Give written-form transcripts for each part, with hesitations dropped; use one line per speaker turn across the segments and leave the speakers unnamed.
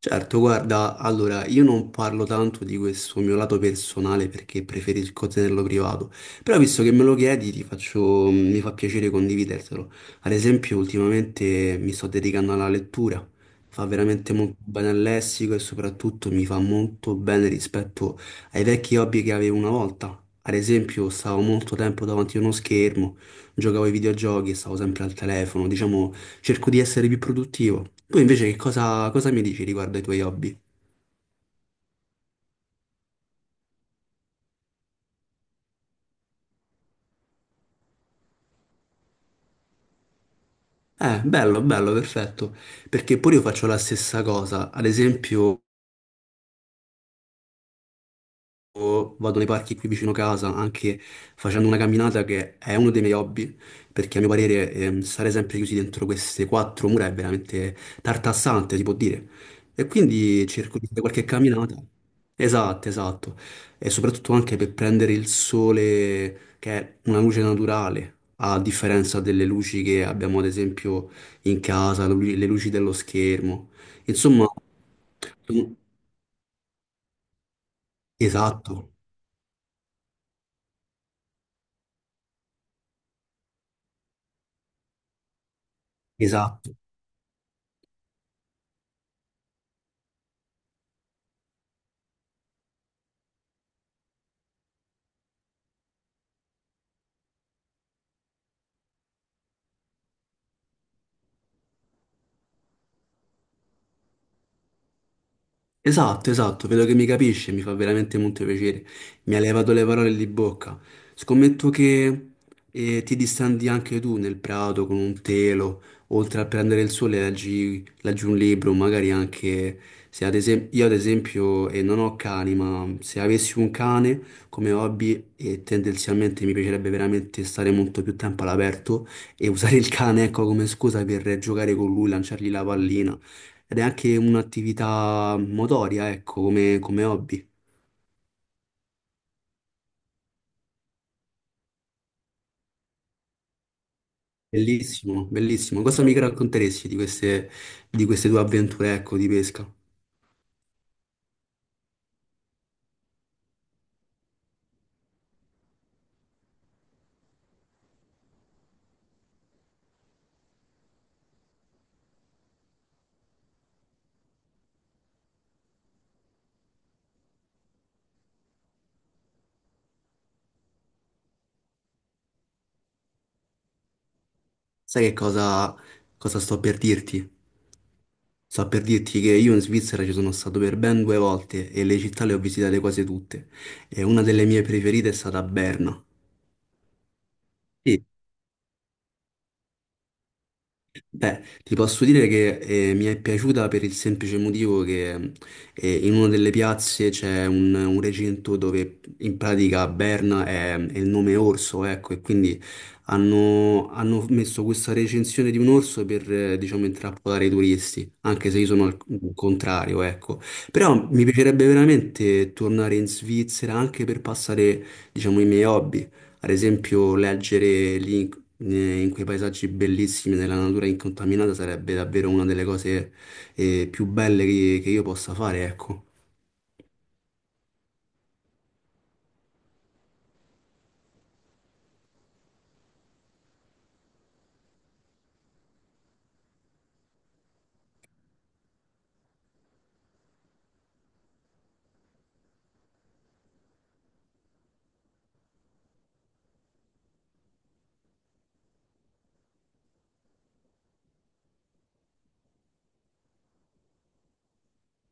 Certo, guarda, allora io non parlo tanto di questo mio lato personale perché preferisco tenerlo privato, però visto che me lo chiedi ti faccio, mi fa piacere condividertelo. Ad esempio, ultimamente mi sto dedicando alla lettura, fa veramente molto bene al lessico e soprattutto mi fa molto bene rispetto ai vecchi hobby che avevo una volta. Ad esempio, stavo molto tempo davanti a uno schermo, giocavo ai videogiochi, stavo sempre al telefono, diciamo, cerco di essere più produttivo. Poi invece che cosa mi dici riguardo ai tuoi hobby? Bello, bello, perfetto, perché pure io faccio la stessa cosa, ad esempio io vado nei parchi qui vicino casa, anche facendo una camminata che è uno dei miei hobby, perché a mio parere stare sempre chiusi dentro queste quattro mura è veramente tartassante, si può dire. E quindi cerco di fare qualche camminata. Esatto, esatto. E soprattutto anche per prendere il sole, che è una luce naturale, a differenza delle luci che abbiamo ad esempio in casa, le luci dello schermo. Insomma, tu- esatto, esatto. Esatto, esatto, vedo che mi capisce, mi fa veramente molto piacere. Mi ha levato le parole di bocca. Scommetto che ti distandi anche tu nel prato con un telo, oltre a prendere il sole, leggi, leggi un libro, magari anche se ad esempio io ad esempio, non ho cani, ma se avessi un cane come hobby, e tendenzialmente mi piacerebbe veramente stare molto più tempo all'aperto e usare il cane, ecco, come scusa per giocare con lui, lanciargli la pallina. Ed è anche un'attività motoria, ecco, come, come hobby. Bellissimo, bellissimo. Cosa mi racconteresti di queste tue avventure, ecco, di pesca? Sai che cosa, cosa sto per dirti? Sto per dirti che io in Svizzera ci sono stato per ben due volte e le città le ho visitate quasi tutte. E una delle mie preferite è stata Berna. Sì, beh, ti posso dire che mi è piaciuta per il semplice motivo che in una delle piazze c'è un recinto dove in pratica Berna è il nome orso, ecco, e quindi hanno, hanno messo questa recensione di un orso per, diciamo, intrappolare i turisti, anche se io sono al contrario, ecco. Però mi piacerebbe veramente tornare in Svizzera anche per passare, diciamo, i miei hobby. Ad esempio, leggere link in quei paesaggi bellissimi, nella natura incontaminata, sarebbe davvero una delle cose, più belle che io possa fare, ecco.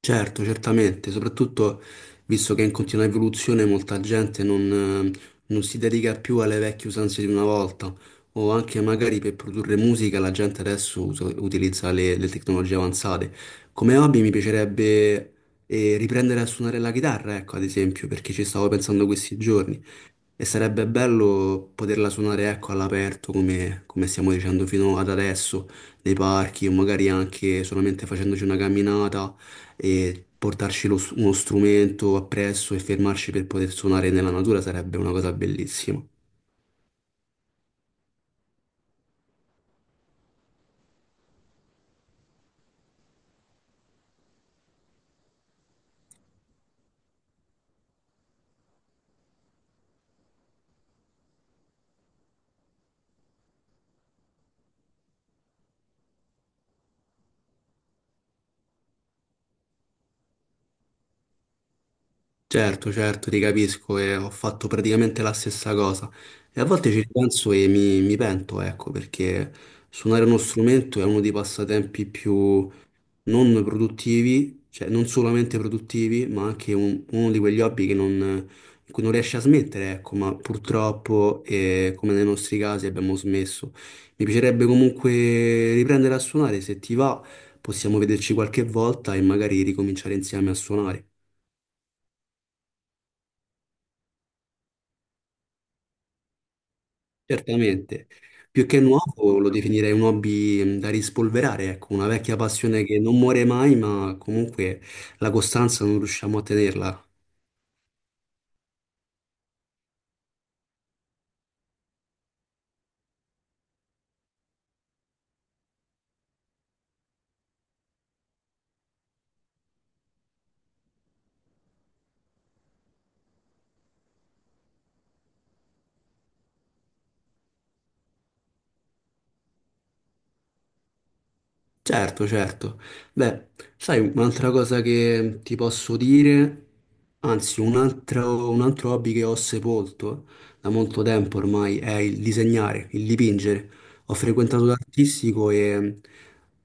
Certo, certamente, soprattutto visto che è in continua evoluzione molta gente non, non si dedica più alle vecchie usanze di una volta, o anche magari per produrre musica la gente adesso utilizza le tecnologie avanzate. Come hobby mi piacerebbe... riprendere a suonare la chitarra, ecco, ad esempio, perché ci stavo pensando questi giorni. E sarebbe bello poterla suonare, ecco, all'aperto, come, come stiamo dicendo fino ad adesso, nei parchi o magari anche solamente facendoci una camminata e portarci uno strumento appresso e fermarci per poter suonare nella natura sarebbe una cosa bellissima. Certo, certo, ti capisco e ho fatto praticamente la stessa cosa. E a volte ci penso e mi pento, ecco, perché suonare uno strumento è uno dei passatempi più non produttivi, cioè non solamente produttivi, ma anche uno di quegli hobby che non, in cui non riesci a smettere, ecco, ma purtroppo, come nei nostri casi, abbiamo smesso. Mi piacerebbe comunque riprendere a suonare, se ti va, possiamo vederci qualche volta e magari ricominciare insieme a suonare. Certamente. Più che nuovo lo definirei un hobby da rispolverare, ecco, una vecchia passione che non muore mai, ma comunque la costanza non riusciamo a tenerla. Certo, certo. Beh, sai, un'altra cosa che ti posso dire, anzi, un altro hobby che ho sepolto da molto tempo ormai è il disegnare, il dipingere. Ho frequentato l'artistico e,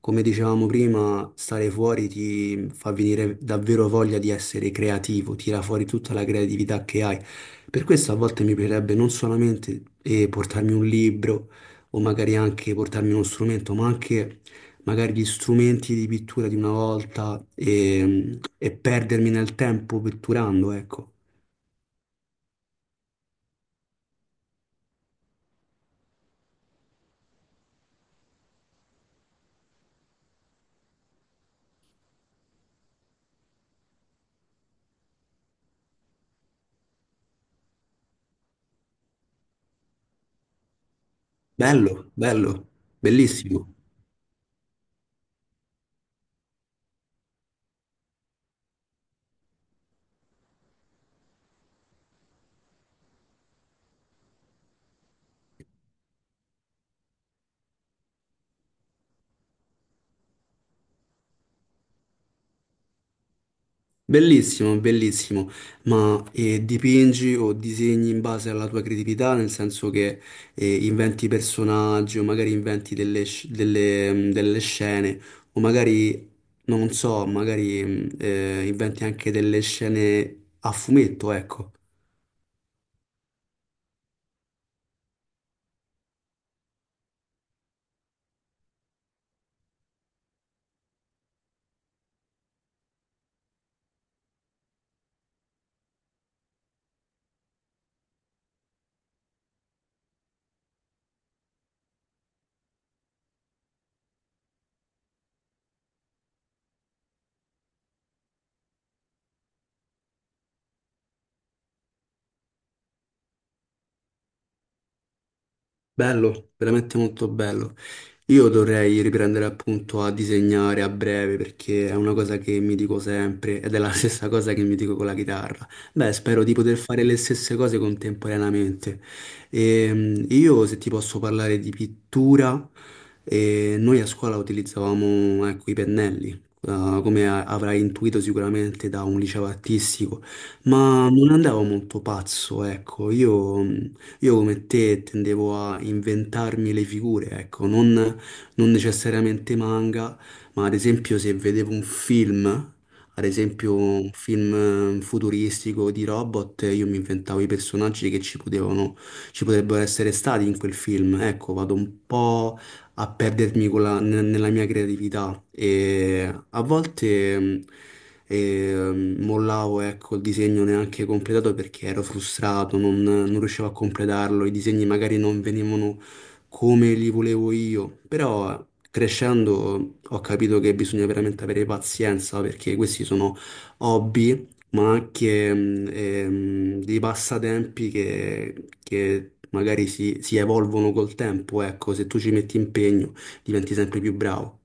come dicevamo prima, stare fuori ti fa venire davvero voglia di essere creativo, tira fuori tutta la creatività che hai. Per questo a volte mi piacerebbe non solamente portarmi un libro o magari anche portarmi uno strumento, ma anche magari gli strumenti di pittura di una volta e perdermi nel tempo pitturando, ecco. Bello, bello, bellissimo, bellissimo, bellissimo. Ma dipingi o disegni in base alla tua creatività, nel senso che inventi personaggi o magari inventi delle, delle scene o magari, non so, magari inventi anche delle scene a fumetto, ecco. Bello, veramente molto bello. Io dovrei riprendere appunto a disegnare a breve perché è una cosa che mi dico sempre ed è la stessa cosa che mi dico con la chitarra. Beh, spero di poter fare le stesse cose contemporaneamente. Io se ti posso parlare di pittura, noi a scuola utilizzavamo ecco, i pennelli, come avrai intuito sicuramente da un liceo artistico. Ma non andavo molto pazzo, ecco, io come te tendevo a inventarmi le figure, ecco, non, non necessariamente manga, ma ad esempio se vedevo un film, ad esempio un film futuristico di robot, io mi inventavo i personaggi che ci potevano, ci potrebbero essere stati in quel film. Ecco, vado un po' a perdermi con nella mia creatività e a volte mollavo ecco, il disegno neanche completato perché ero frustrato, non, non riuscivo a completarlo, i disegni magari non venivano come li volevo io, però crescendo ho capito che bisogna veramente avere pazienza perché questi sono hobby ma anche dei passatempi che magari si, si evolvono col tempo. Ecco, se tu ci metti impegno, diventi sempre più bravo.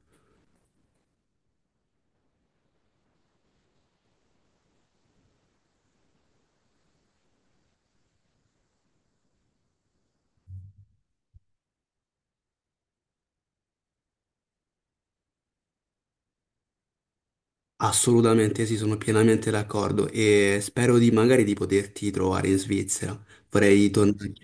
Assolutamente sì, sono pienamente d'accordo e spero di magari di poterti trovare in Svizzera. Vorrei tornare